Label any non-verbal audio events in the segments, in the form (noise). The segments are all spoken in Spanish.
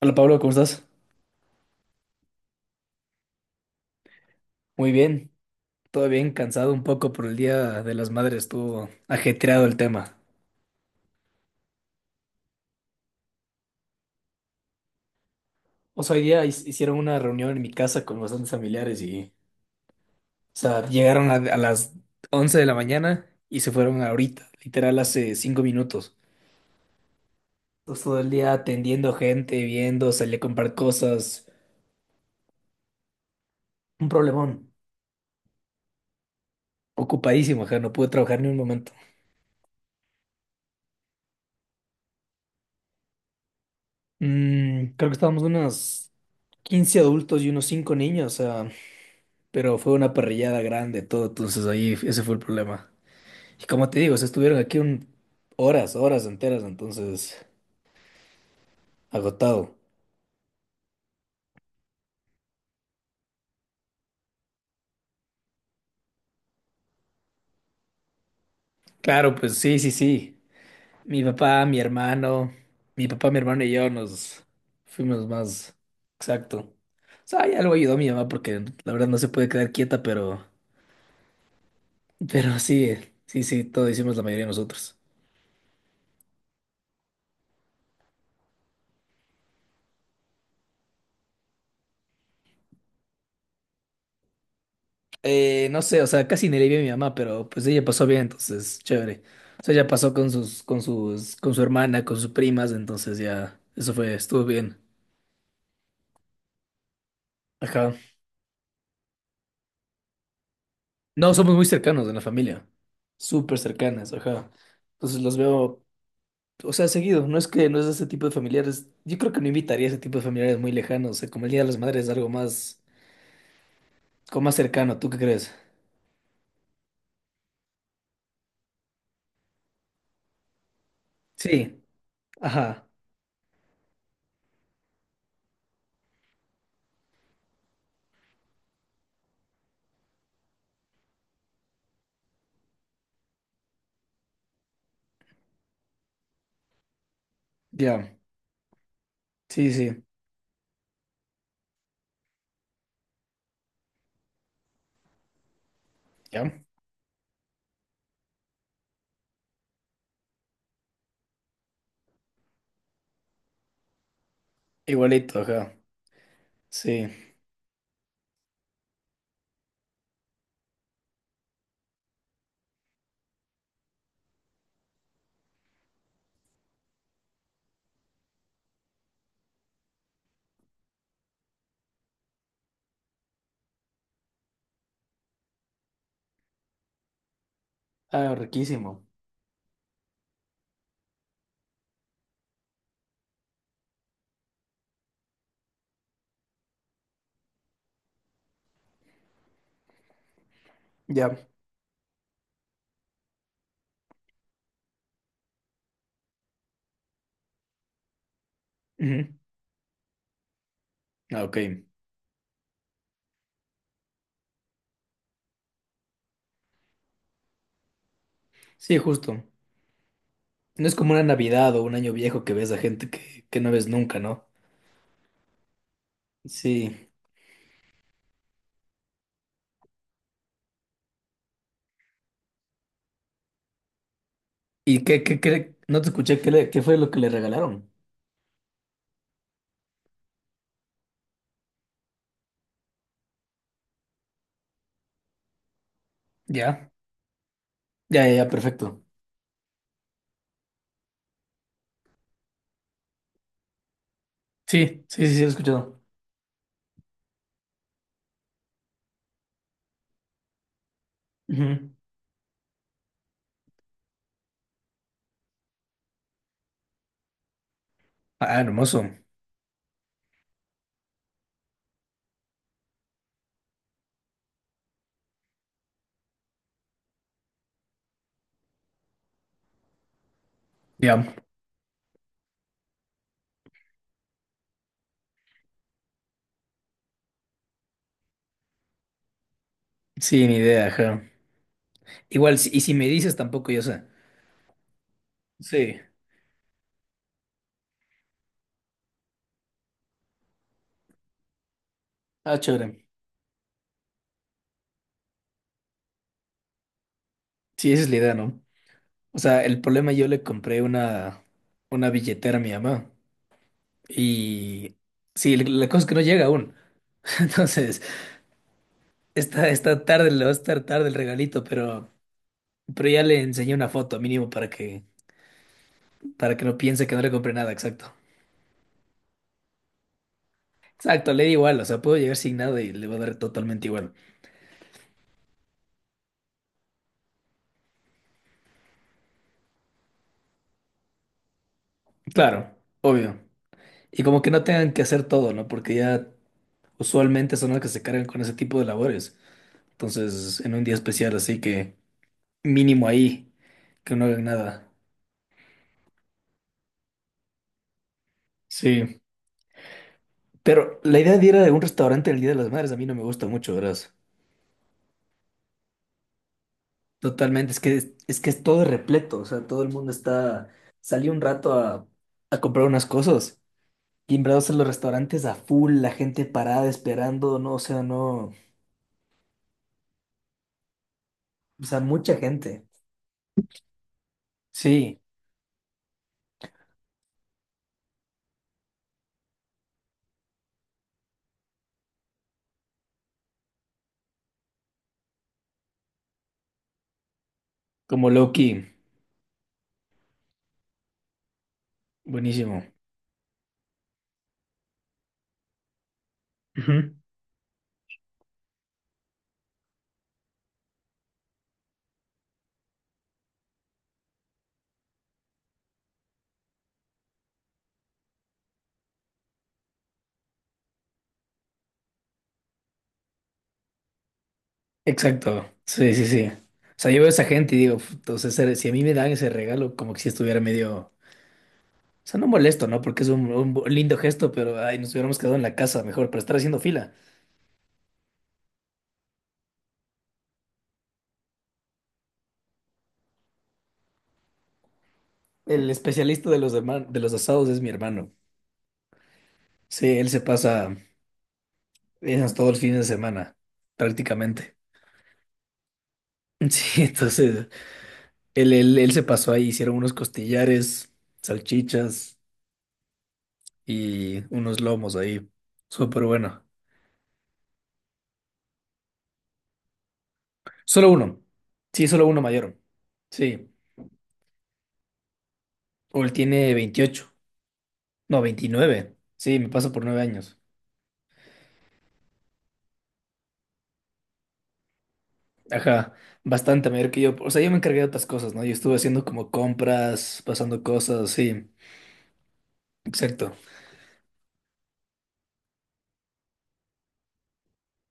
Hola Pablo, ¿cómo estás? Muy bien, todo bien, cansado un poco por el Día de las Madres, estuvo ajetreado el tema. O sea, hoy día hicieron una reunión en mi casa con bastantes familiares y, o sea, llegaron a las 11 de la mañana y se fueron ahorita, literal hace 5 minutos. Entonces, todo el día atendiendo gente, viendo, salí a comprar cosas, un problemón. Ocupadísimo, ajá, no pude trabajar ni un momento. Mm, creo que estábamos unos 15 adultos y unos 5 niños, o sea. Pero fue una parrillada grande, todo, entonces ahí ese fue el problema. Y como te digo, se estuvieron aquí un, horas, horas enteras, entonces agotado. Claro, pues sí, sí, sí. Mi papá, mi hermano, mi papá, mi hermano y yo nos fuimos más exacto. O sea, ya lo ayudó mi mamá porque la verdad no se puede quedar quieta, pero sí, sí, sí, todo hicimos la mayoría de nosotros. No sé, o sea, casi ni le vi a mi mamá, pero pues ella pasó bien, entonces, chévere. O sea, ella pasó con su hermana, con sus primas, entonces ya, eso fue, estuvo bien. Ajá. No, somos muy cercanos en la familia. Súper cercanas, ajá. Entonces los veo, o sea, seguido. No es ese tipo de familiares. Yo creo que no invitaría a ese tipo de familiares muy lejanos. O sea, como el Día de las Madres es algo más, como más cercano, ¿tú qué crees? Sí, ajá. Ya. Sí, sí. Ya. Igualito, ajá. Sí. Ah, riquísimo. Ya. Ujú. Ah, ok. Sí, justo. No es como una Navidad o un año viejo que ves a gente que no ves nunca, ¿no? Sí. ¿Y qué, qué, qué? No te escuché, ¿qué, qué fue lo que le regalaron? Ya. Ya, ya, ya, perfecto. Sí, sí, sí, sí, lo he escuchado. Ujú. Ah, hermoso. Ya. Sí, ni idea, ajá. Igual, y si me dices, tampoco yo sé. Sí. Ah, chévere. Sí, esa es la idea, ¿no? O sea, el problema yo le compré una billetera a mi mamá. Y sí, la cosa es que no llega aún. Entonces, está, está tarde, le va a estar tarde el regalito, pero ya le enseñé una foto mínimo para que no piense que no le compré nada, exacto. Exacto, le da igual, o sea, puedo llegar sin nada y le va a dar totalmente igual. Claro, obvio. Y como que no tengan que hacer todo, ¿no? Porque ya usualmente son los que se cargan con ese tipo de labores. Entonces, en un día especial, así que mínimo ahí, que no hagan nada. Sí. Pero la idea de ir a algún restaurante el Día de las Madres a mí no me gusta mucho, ¿verdad? Totalmente, es que es, que es todo repleto, o sea, todo el mundo está, salí un rato a comprar unas cosas, timbrados en los restaurantes a full, la gente parada esperando, no, o sea, no, o sea, mucha gente. Sí, como Loki, buenísimo. Ujú. Exacto, sí, sí, sí. O sea, yo veo a esa gente y digo, entonces, si a mí me dan ese regalo, como que si estuviera medio, o sea, no molesto, ¿no? Porque es un lindo gesto, pero, ay, nos hubiéramos quedado en la casa mejor, para estar haciendo fila. El especialista de los, de los asados es mi hermano. Sí, él se pasa esas todos los fines de semana, prácticamente. Sí, (laughs) entonces él se pasó ahí, hicieron unos costillares, salchichas y unos lomos ahí. Súper bueno. Solo uno. Sí, solo uno mayor. Sí. O él tiene 28. No, 29. Sí, me pasa por 9 años. Ajá, bastante mayor que yo. O sea, yo me encargué de otras cosas, ¿no? Yo estuve haciendo como compras, pasando cosas, sí. Exacto.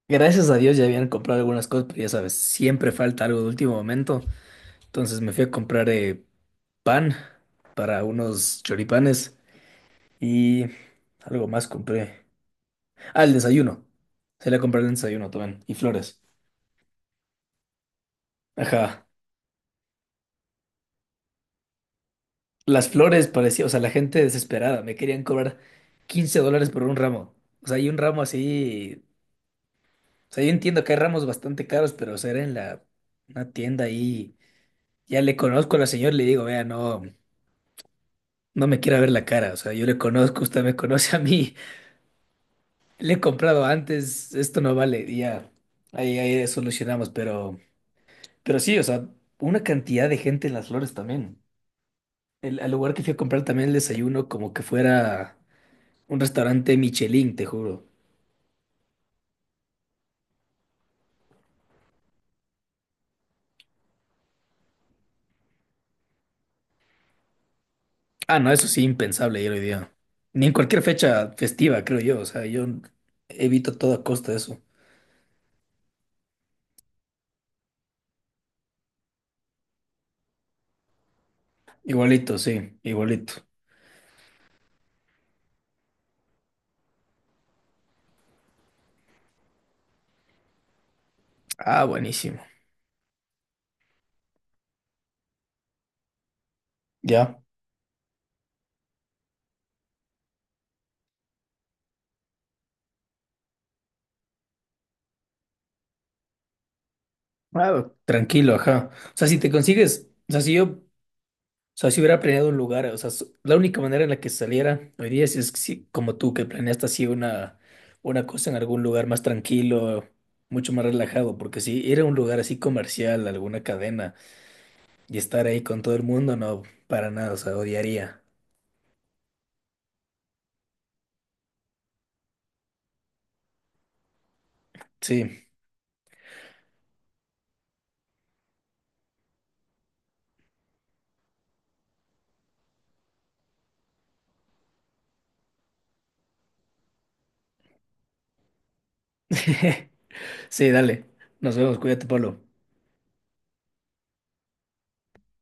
Gracias a Dios ya habían comprado algunas cosas, pero ya sabes, siempre falta algo de último momento. Entonces me fui a comprar pan para unos choripanes y algo más compré. Ah, el desayuno. Se le compré el desayuno también. Y flores. Ajá. Las flores parecía, o sea, la gente desesperada. Me querían cobrar $15 por un ramo. O sea, hay un ramo así. O sea, yo entiendo que hay ramos bastante caros, pero o sea, era en la una tienda ahí. Ya le conozco a la señora, le digo, vea, no. No me quiere ver la cara, o sea, yo le conozco, usted me conoce a mí, (laughs) le he comprado antes, esto no vale, y ya, ahí, ahí solucionamos, pero sí, o sea, una cantidad de gente en Las Flores también. El, al lugar que fui a comprar también el desayuno, como que fuera un restaurante Michelin, te juro. Ah, no, eso sí, impensable ayer hoy día. Ni en cualquier fecha festiva, creo yo, o sea, yo evito a toda costa eso. Igualito, sí, igualito. Ah, buenísimo. Ya. Ah, tranquilo, ajá. O sea, si te consigues, o sea, si yo, o sea, si hubiera planeado un lugar, o sea, la única manera en la que saliera hoy día es que si, como tú, que planeaste así una cosa en algún lugar más tranquilo, mucho más relajado, porque si ir a un lugar así comercial, alguna cadena, y estar ahí con todo el mundo, no, para nada, o sea, odiaría. Sí. (laughs) Sí, dale. Nos vemos, cuídate, Pablo.